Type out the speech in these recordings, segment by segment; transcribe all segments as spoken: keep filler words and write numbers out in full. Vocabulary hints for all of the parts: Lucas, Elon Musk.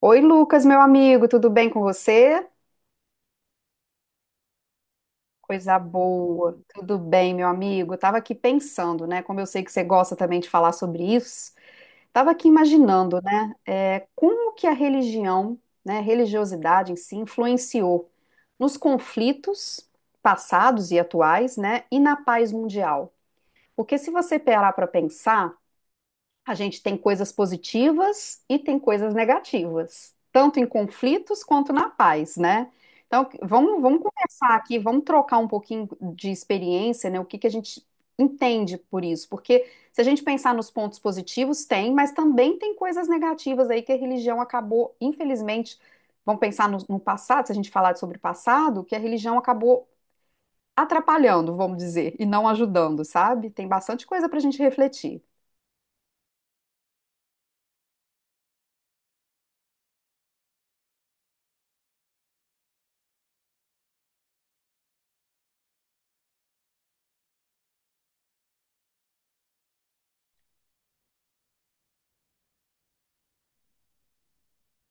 Oi, Lucas, meu amigo, tudo bem com você? Coisa boa, tudo bem, meu amigo. Eu tava aqui pensando, né? Como eu sei que você gosta também de falar sobre isso, tava aqui imaginando, né? É, como que a religião, né, a religiosidade em si, influenciou nos conflitos passados e atuais, né? E na paz mundial. Porque se você parar para pensar, a gente tem coisas positivas e tem coisas negativas, tanto em conflitos quanto na paz, né? Então, vamos, vamos começar aqui, vamos trocar um pouquinho de experiência, né? O que que a gente entende por isso? Porque se a gente pensar nos pontos positivos, tem, mas também tem coisas negativas aí que a religião acabou, infelizmente, vamos pensar no, no passado, se a gente falar sobre o passado, que a religião acabou atrapalhando, vamos dizer, e não ajudando, sabe? Tem bastante coisa para a gente refletir.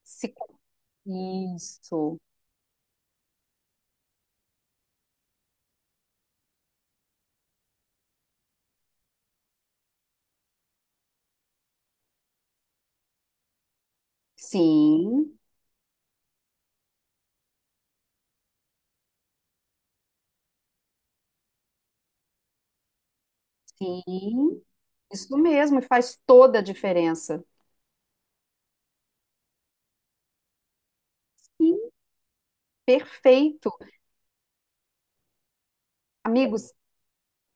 Se isso. Sim, sim. Isso mesmo, e faz toda a diferença. Sim, perfeito. Amigos,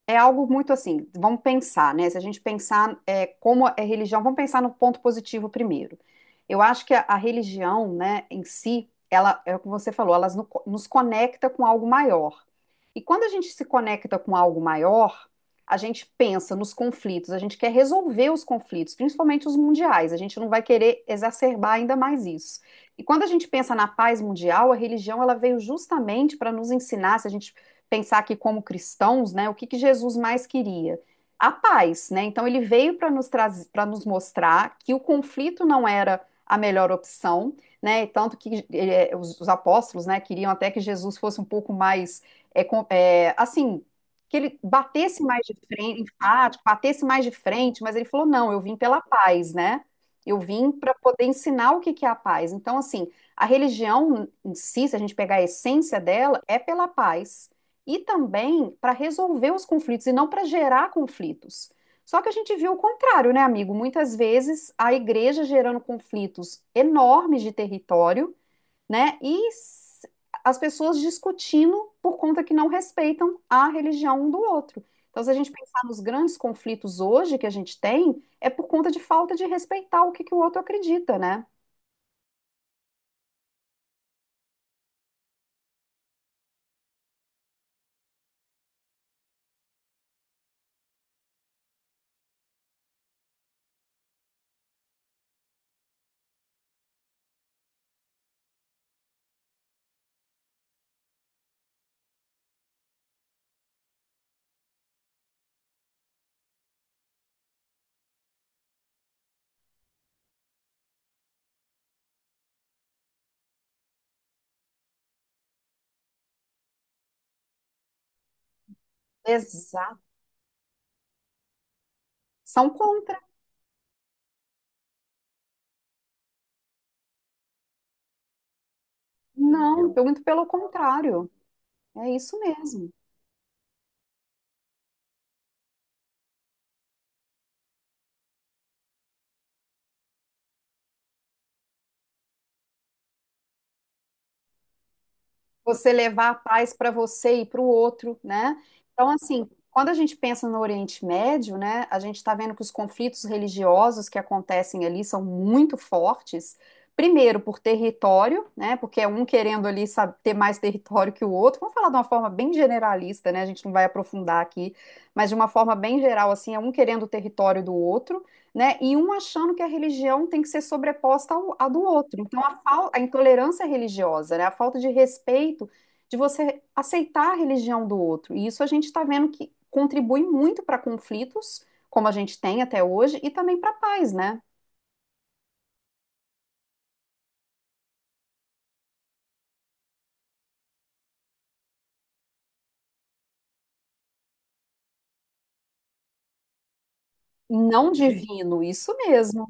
é algo muito assim, vamos pensar, né? Se a gente pensar é, como é religião, vamos pensar no ponto positivo primeiro. Eu acho que a, a religião, né, em si, ela, é o que você falou, ela no- nos conecta com algo maior. E quando a gente se conecta com algo maior, a gente pensa nos conflitos, a gente quer resolver os conflitos, principalmente os mundiais, a gente não vai querer exacerbar ainda mais isso. E quando a gente pensa na paz mundial, a religião ela veio justamente para nos ensinar, se a gente pensar aqui como cristãos, né, o que, que Jesus mais queria? A paz, né? Então ele veio para nos trazer, para nos mostrar que o conflito não era a melhor opção, né? Tanto que eh, os, os apóstolos, né, queriam até que Jesus fosse um pouco mais, eh, com- eh, assim, que ele batesse mais de frente, enfático, batesse mais de frente, mas ele falou, não, eu vim pela paz, né? Eu vim para poder ensinar o que que é a paz. Então, assim, a religião em si, se a gente pegar a essência dela, é pela paz e também para resolver os conflitos e não para gerar conflitos. Só que a gente viu o contrário, né, amigo? Muitas vezes a igreja gerando conflitos enormes de território, né? E s- as pessoas discutindo por conta que não respeitam a religião um do outro. Então, se a gente pensar nos grandes conflitos hoje que a gente tem, é por conta de falta de respeitar o que que o outro acredita, né? Exato. São contra. Não, muito pelo contrário. É isso mesmo. Você levar a paz para você e para o outro, né? Então, assim, quando a gente pensa no Oriente Médio, né, a gente está vendo que os conflitos religiosos que acontecem ali são muito fortes. Primeiro, por território, né, porque é um querendo ali sabe, ter mais território que o outro. Vamos falar de uma forma bem generalista, né, a gente não vai aprofundar aqui, mas de uma forma bem geral, assim, é um querendo o território do outro, né? E um achando que a religião tem que ser sobreposta ao, à do outro. Então, a, fal- a intolerância religiosa, né? A falta de respeito de você aceitar a religião do outro. E isso a gente está vendo que contribui muito para conflitos, como a gente tem até hoje, e também para a paz, né? Não divino, isso mesmo.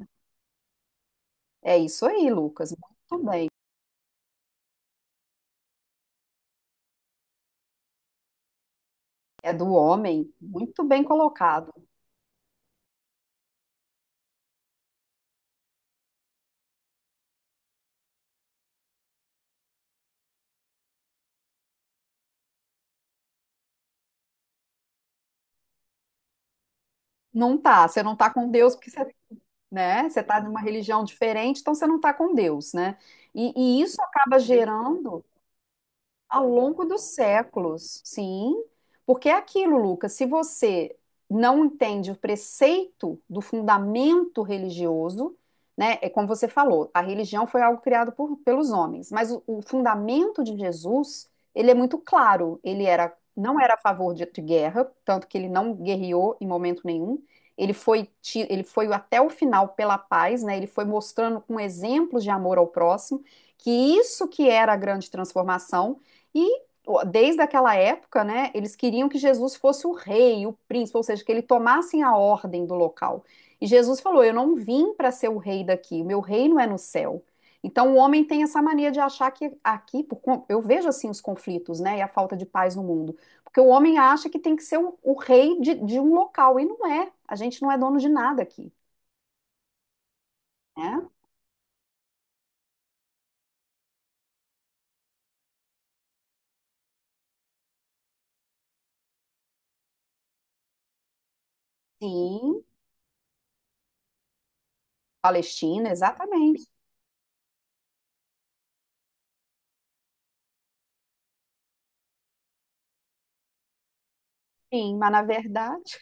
É isso aí, Lucas. Muito bem. É do homem, muito bem colocado. Não tá, você não tá com Deus porque você, né? Você está numa religião diferente, então você não está com Deus, né? E, e isso acaba gerando ao longo dos séculos, sim. Porque é aquilo, Lucas, se você não entende o preceito do fundamento religioso, né, é como você falou, a religião foi algo criado por- pelos homens, mas o, o fundamento de Jesus, ele é muito claro, ele era, não era a favor de, de guerra, tanto que ele não guerreou em momento nenhum, ele foi, ti- ele foi até o final pela paz, né, ele foi mostrando com exemplos de amor ao próximo, que isso que era a grande transformação, e ó, desde aquela época, né, eles queriam que Jesus fosse o rei, o príncipe, ou seja, que ele tomasse a ordem do local. E Jesus falou: Eu não vim para ser o rei daqui, o meu reino é no céu. Então o homem tem essa mania de achar que aqui, por con- eu vejo assim os conflitos, né, e a falta de paz no mundo, porque o homem acha que tem que ser o, o rei de, de um local, e não é. A gente não é dono de nada aqui, né? Sim, Palestina, exatamente. Sim, mas na verdade,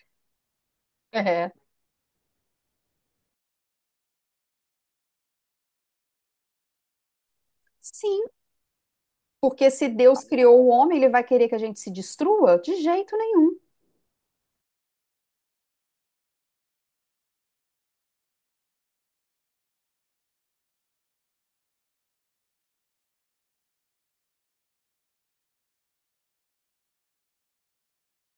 é. Sim, porque se Deus criou o homem, ele vai querer que a gente se destrua? De jeito nenhum.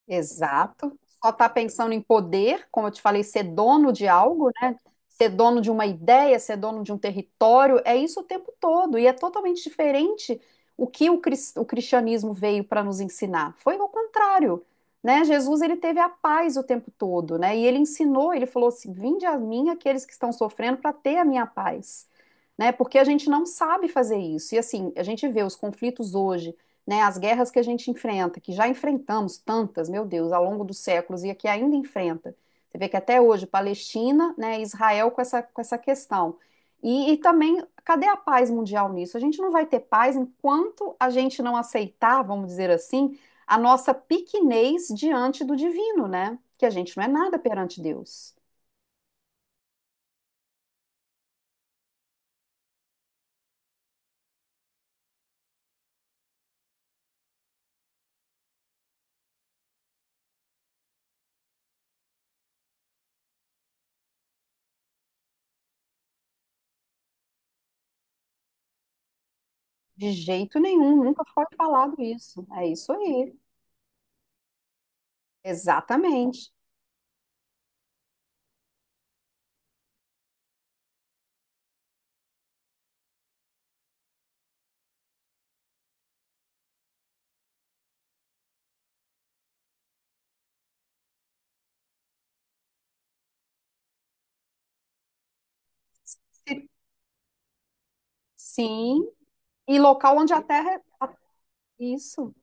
Exato. Só está pensando em poder, como eu te falei, ser dono de algo, né? Ser dono de uma ideia, ser dono de um território, é isso o tempo todo. E é totalmente diferente o que o, cris- o cristianismo veio para nos ensinar. Foi o contrário, né? Jesus, ele teve a paz o tempo todo, né? E ele ensinou, ele falou assim: Vinde a mim aqueles que estão sofrendo para ter a minha paz, né? Porque a gente não sabe fazer isso. E assim, a gente vê os conflitos hoje, né, as guerras que a gente enfrenta, que já enfrentamos tantas, meu Deus, ao longo dos séculos e aqui ainda enfrenta. Você vê que até hoje, Palestina, né, Israel com essa, com essa questão. E, e também, cadê a paz mundial nisso? A gente não vai ter paz enquanto a gente não aceitar, vamos dizer assim, a nossa pequenez diante do divino, né? Que a gente não é nada perante Deus. De jeito nenhum, nunca foi falado isso. É isso aí. Exatamente. Se- Sim, e local onde a terra, é, a isso,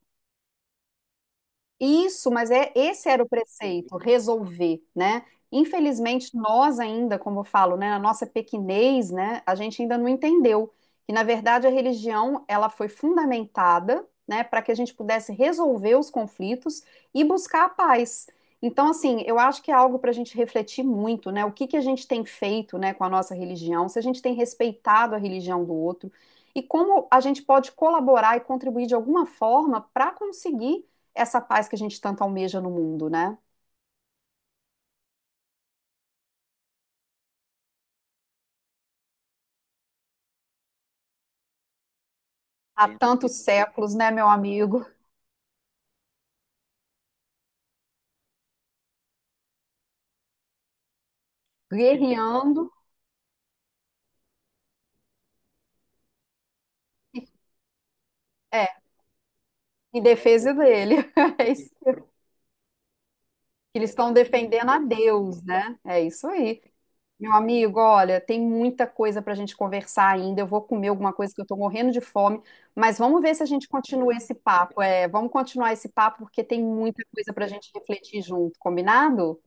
isso, mas é esse era o preceito, resolver, né? Infelizmente, nós ainda, como eu falo, né, na nossa pequenez, né, a gente ainda não entendeu que, na verdade, a religião, ela foi fundamentada, né, para que a gente pudesse resolver os conflitos e buscar a paz. Então, assim, eu acho que é algo para a gente refletir muito, né? O que que a gente tem feito, né, com a nossa religião, se a gente tem respeitado a religião do outro e como a gente pode colaborar e contribuir de alguma forma para conseguir essa paz que a gente tanto almeja no mundo, né? Há tantos séculos, né, meu amigo? Guerreando, é, em defesa dele. É isso. Eles estão defendendo a Deus, né? É isso aí. Meu amigo, olha, tem muita coisa para a gente conversar ainda. Eu vou comer alguma coisa que eu estou morrendo de fome, mas vamos ver se a gente continua esse papo. É, vamos continuar esse papo porque tem muita coisa para a gente refletir junto, combinado?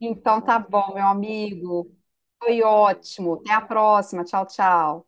Então tá bom, meu amigo. Foi ótimo. Até a próxima. Tchau, tchau.